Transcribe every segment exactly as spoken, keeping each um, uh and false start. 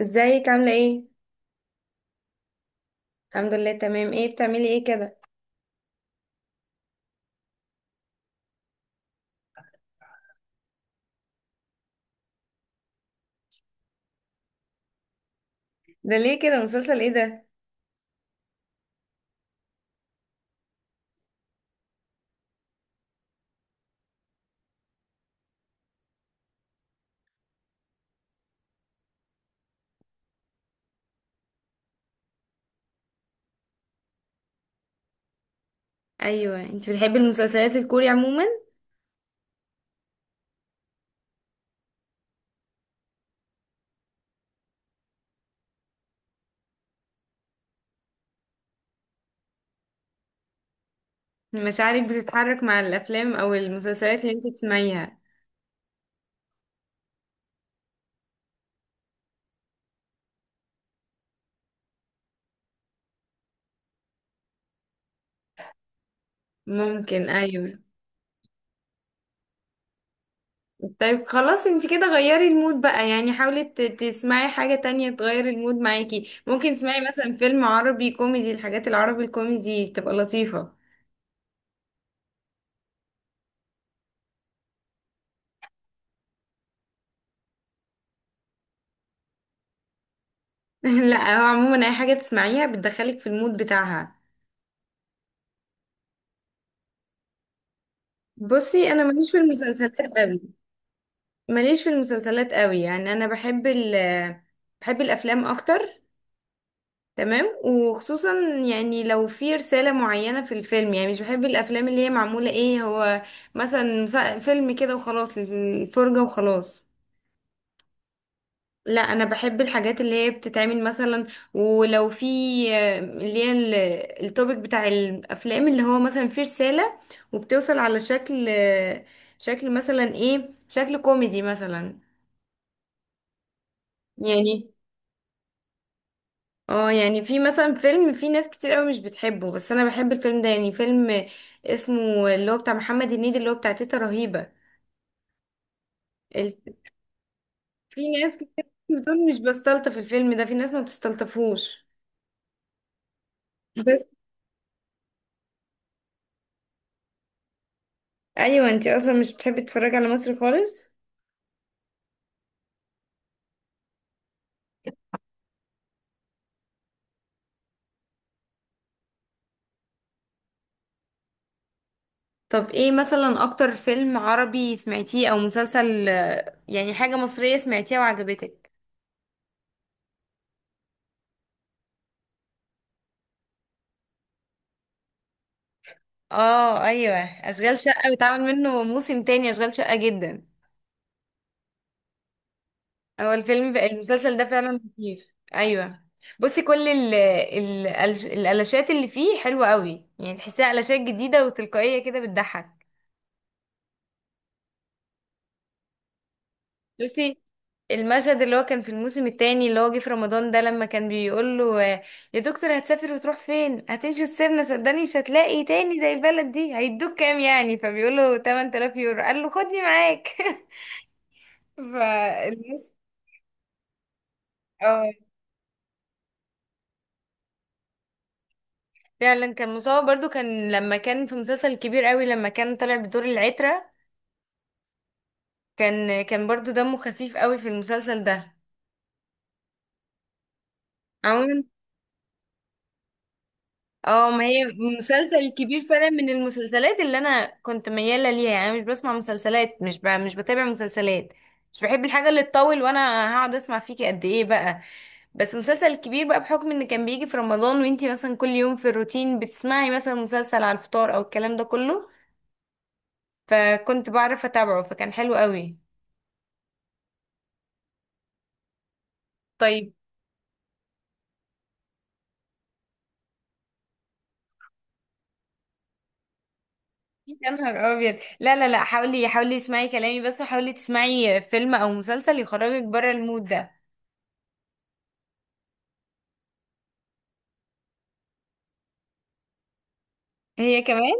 ازيك عاملة ايه؟ الحمد لله تمام. ايه بتعملي ايه كده؟ ده ليه كده؟ مسلسل ايه ده؟ ايوه، انت بتحبي المسلسلات الكوري عموما؟ مشاعرك بتتحرك مع الافلام او المسلسلات اللي انت بتسمعيها؟ ممكن، ايوه. طيب، خلاص، انت كده غيري المود بقى، يعني حاولي ت- تسمعي حاجة تانية تغير المود معاكي. ممكن تسمعي مثلا فيلم عربي كوميدي، الحاجات العربي الكوميدي بتبقى لطيفة. لا، هو عموما اي حاجة تسمعيها بتدخلك في المود بتاعها. بصي، انا ماليش في المسلسلات قوي، ماليش في المسلسلات قوي يعني انا بحب ال بحب الافلام اكتر. تمام، وخصوصا يعني لو في رسالة معينة في الفيلم. يعني مش بحب الافلام اللي هي معمولة ايه، هو مثلا مسا- فيلم كده وخلاص، الفرجة وخلاص. لا، انا بحب الحاجات اللي هي بتتعمل مثلا، ولو في آه، اللي هي ال- التوبيك بتاع الافلام، اللي هو مثلا في رسالة، وبتوصل على شكل آه، شكل مثلا، ايه، شكل كوميدي مثلا. يعني اه يعني في مثلا فيلم في ناس كتير قوي مش بتحبه، بس انا بحب الفيلم ده، يعني فيلم اسمه اللي هو بتاع محمد هنيدي، اللي هو بتاع تيتا رهيبة. ال- في ناس كتير بتقول مش بستلطف الفيلم ده، في ناس ما بتستلطفوش، بس. ايوه، انتي اصلا مش بتحبي تتفرجي على مصر خالص. طب ايه مثلا اكتر فيلم عربي سمعتيه او مسلسل، آه، يعني حاجة مصرية سمعتيها وعجبتك؟ اه، ايوه. اشغال شقة بيتعمل منه موسم تاني، اشغال شقة جدا. هو الفيلم المسلسل ده فعلا لطيف. ايوه. بصي، كل ال ال الش- الالاشات اللي فيه حلوه قوي، يعني تحسيها الاشات جديده وتلقائيه كده بتضحك. شفتي المشهد اللي هو كان في الموسم التاني اللي هو جه في رمضان ده، لما كان بيقول له آه، يا دكتور هتسافر وتروح فين، هتمشي وتسيبنا، صدقني مش هتلاقي تاني زي البلد دي، هيدوك كام يعني؟ فبيقول له 8000 يورو. قال له خدني معاك. فالموسم. فعلا كان مصاب برضو، كان لما كان في مسلسل كبير قوي لما كان طالع بدور العترة، كان كان برضو دمه خفيف قوي في المسلسل ده. عموما، اه، ما هي مسلسل كبير فعلا من المسلسلات اللي انا كنت ميالة ليها. يعني أنا مش بسمع مسلسلات، مش ب... مش بتابع مسلسلات، مش بحب الحاجة اللي تطول، وانا هقعد اسمع فيكي قد ايه بقى. بس مسلسل كبير بقى بحكم ان كان بيجي في رمضان، وانتي مثلا كل يوم في الروتين بتسمعي مثلا مسلسل على الفطار او الكلام ده كله، فكنت بعرف اتابعه فكان حلو قوي. طيب. يا نهار ابيض، لا لا لا، حاولي حاولي اسمعي كلامي بس، وحاولي تسمعي فيلم او مسلسل يخرجك بره المود ده. هي كمان.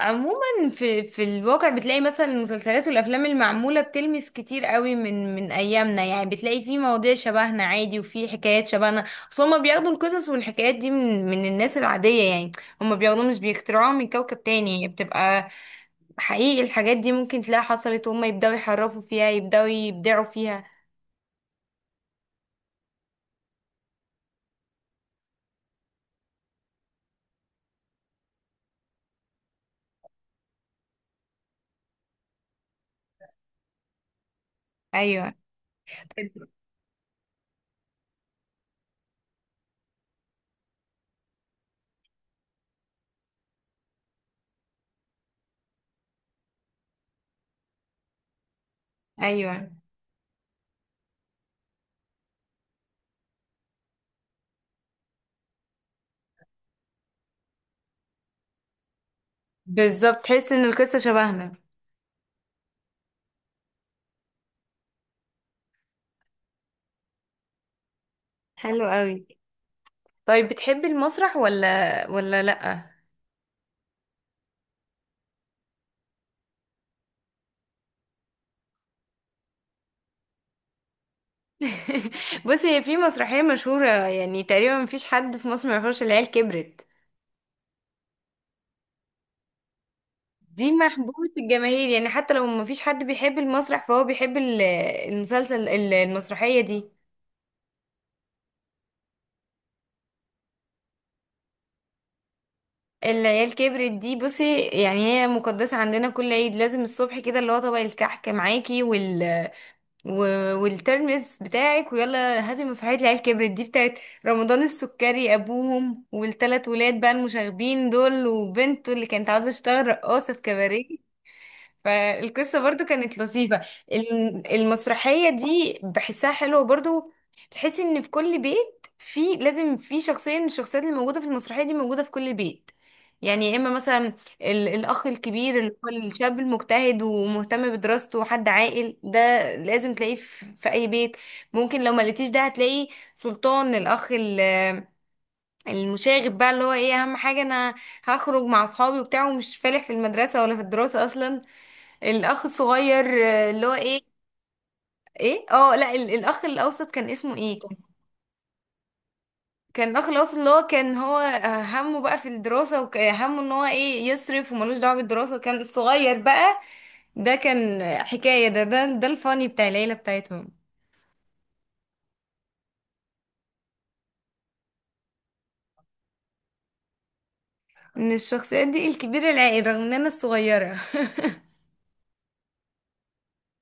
عموما في في الواقع بتلاقي مثلا المسلسلات والافلام المعموله بتلمس كتير قوي من من ايامنا، يعني بتلاقي في مواضيع شبهنا عادي وفي حكايات شبهنا. اصل هما بياخدوا القصص والحكايات دي من من الناس العاديه، يعني هما بياخدوها، مش بيخترعوها من كوكب تاني، هي بتبقى حقيقي. الحاجات دي ممكن تلاقي حصلت، وهم يبداوا يحرفوا فيها، يبداوا يبدعوا فيها. ايوه ايوه، بالظبط، تحس ان القصه شبهنا. حلو قوي. طيب، بتحبي المسرح ولا ولا لأ؟ بصي، هي في مسرحية مشهورة يعني تقريبا مفيش حد في مصر ما يعرفش، العيال كبرت. دي محبوبة الجماهير، يعني حتى لو مفيش حد بيحب المسرح فهو بيحب ال- المسلسل ال- المسرحية دي. العيال كبرت دي، بصي يعني هي مقدسة عندنا. كل عيد لازم الصبح كده اللي هو طبق الكحك معاكي و- والترمس بتاعك، ويلا هاتي مسرحية العيال كبرت دي، بتاعت رمضان السكري أبوهم والتلات ولاد بقى المشاغبين دول، وبنته اللي كانت عاوزة تشتغل رقاصة في كباريه. فالقصة برضو كانت لطيفة. الم- المسرحية دي بحسها حلوة برضو. تحس ان في كل بيت في لازم في شخصية من الشخصيات اللي موجودة في المسرحية دي موجودة في كل بيت. يعني يا اما مثلا ال- الاخ الكبير اللي هو الشاب المجتهد ومهتم بدراسته وحد عاقل ده، لازم تلاقيه في في اي بيت. ممكن لو ما لقيتيش ده هتلاقي سلطان، الاخ ال- المشاغب بقى، اللي هو ايه اهم حاجة؟ انا هخرج مع اصحابي وبتاع، ومش فالح في المدرسة ولا في الدراسة اصلا. الاخ الصغير آه، اللي هو ايه، ايه، اه لا، ال- الاخ الاوسط كان اسمه ايه؟ كان كان الاخ الاوسط اللي هو كان هو آه، همه بقى في الدراسة، وهمه ان هو ايه يصرف، وملوش دعوة بالدراسة. وكان الصغير بقى ده كان آه، حكاية. ده ده ده الفاني بتاع العيلة بتاعتهم. من الشخصيات دي، الكبير العائل، رغم ان انا الصغيرة.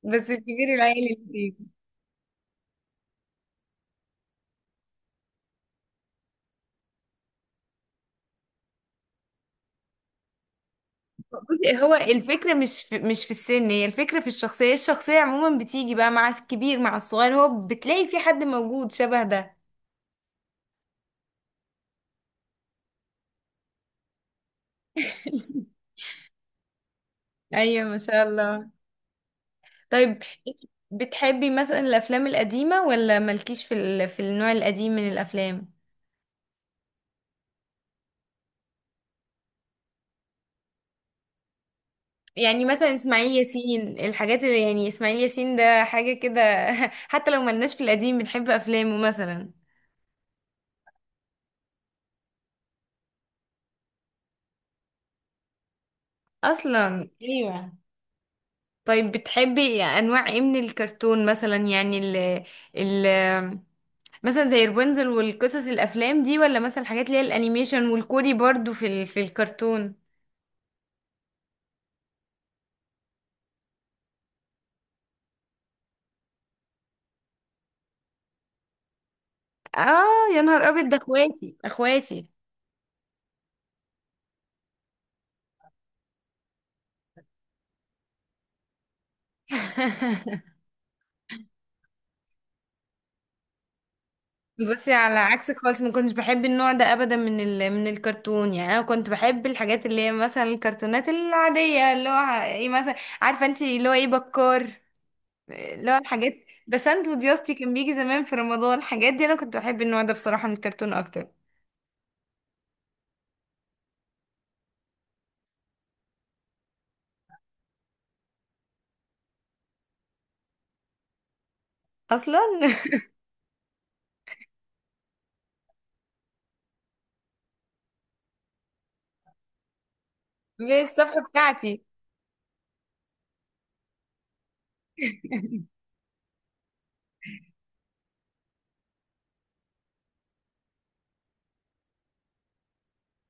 بس الكبير العائل اللي فيه. بصي، هو الفكرة مش في مش في السن، هي الفكرة في الشخصية الشخصية عموما بتيجي بقى مع الكبير مع الصغير، هو بتلاقي في حد موجود شبه ده. ايوه، ما شاء الله. طيب انت بتحبي مثلا الافلام القديمه ولا مالكيش في ال... في النوع القديم من الافلام؟ يعني مثلا اسماعيل ياسين، الحاجات اللي يعني اسماعيل ياسين ده حاجه كده، حتى لو ملناش في القديم بنحب افلامه مثلا. اصلا، ايوه. طيب بتحبي انواع ايه من الكرتون مثلا؟ يعني ال... ال... مثلا زي رابنزل والقصص الافلام دي، ولا مثلا حاجات اللي هي الانيميشن والكوري برضو في ال... في الكرتون؟ اه. يا نهار ابيض، ده اخواتي اخواتي. بصي، على عكسك خالص ما كنتش بحب النوع ده ابدا، من ال... من الكرتون. يعني انا كنت بحب الحاجات اللي هي مثلا الكرتونات العاديه، اللي هو ايه مثلا، عارفه انت اللي هو ايه، بكار، اللي هو الحاجات بسنت ودياستي كان بيجي زمان في رمضان. الحاجات دي انا كنت بحب النوع ده بصراحه من الكرتون اكتر. اصلا. بالصفحه بتاعتي.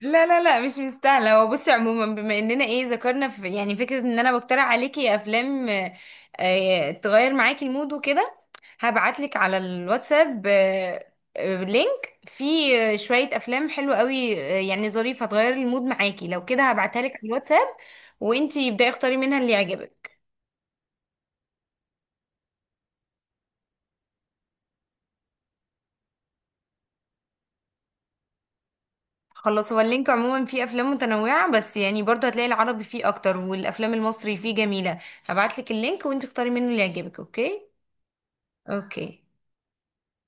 لا لا لا، مش مستاهلة. هو بصي عموما، بما اننا ايه ذكرنا في يعني فكرة ان انا بقترح عليكي افلام آه، آه، تغير معاكي المود وكده، هبعتلك على الواتساب آه، آه، لينك فيه آه، شوية افلام حلوة قوي آه، يعني ظريفة هتغير المود معاكي لو كده. هبعتها لك على الواتساب وانتي ابدأي اختاري منها اللي يعجبك. خلاص. هو اللينك عموما فيه افلام متنوعة، بس يعني برضه هتلاقي العربي فيه اكتر، والافلام المصري فيه جميلة. هبعتلك اللينك وانتي اختاري منه اللي يعجبك. اوكي. اوكي.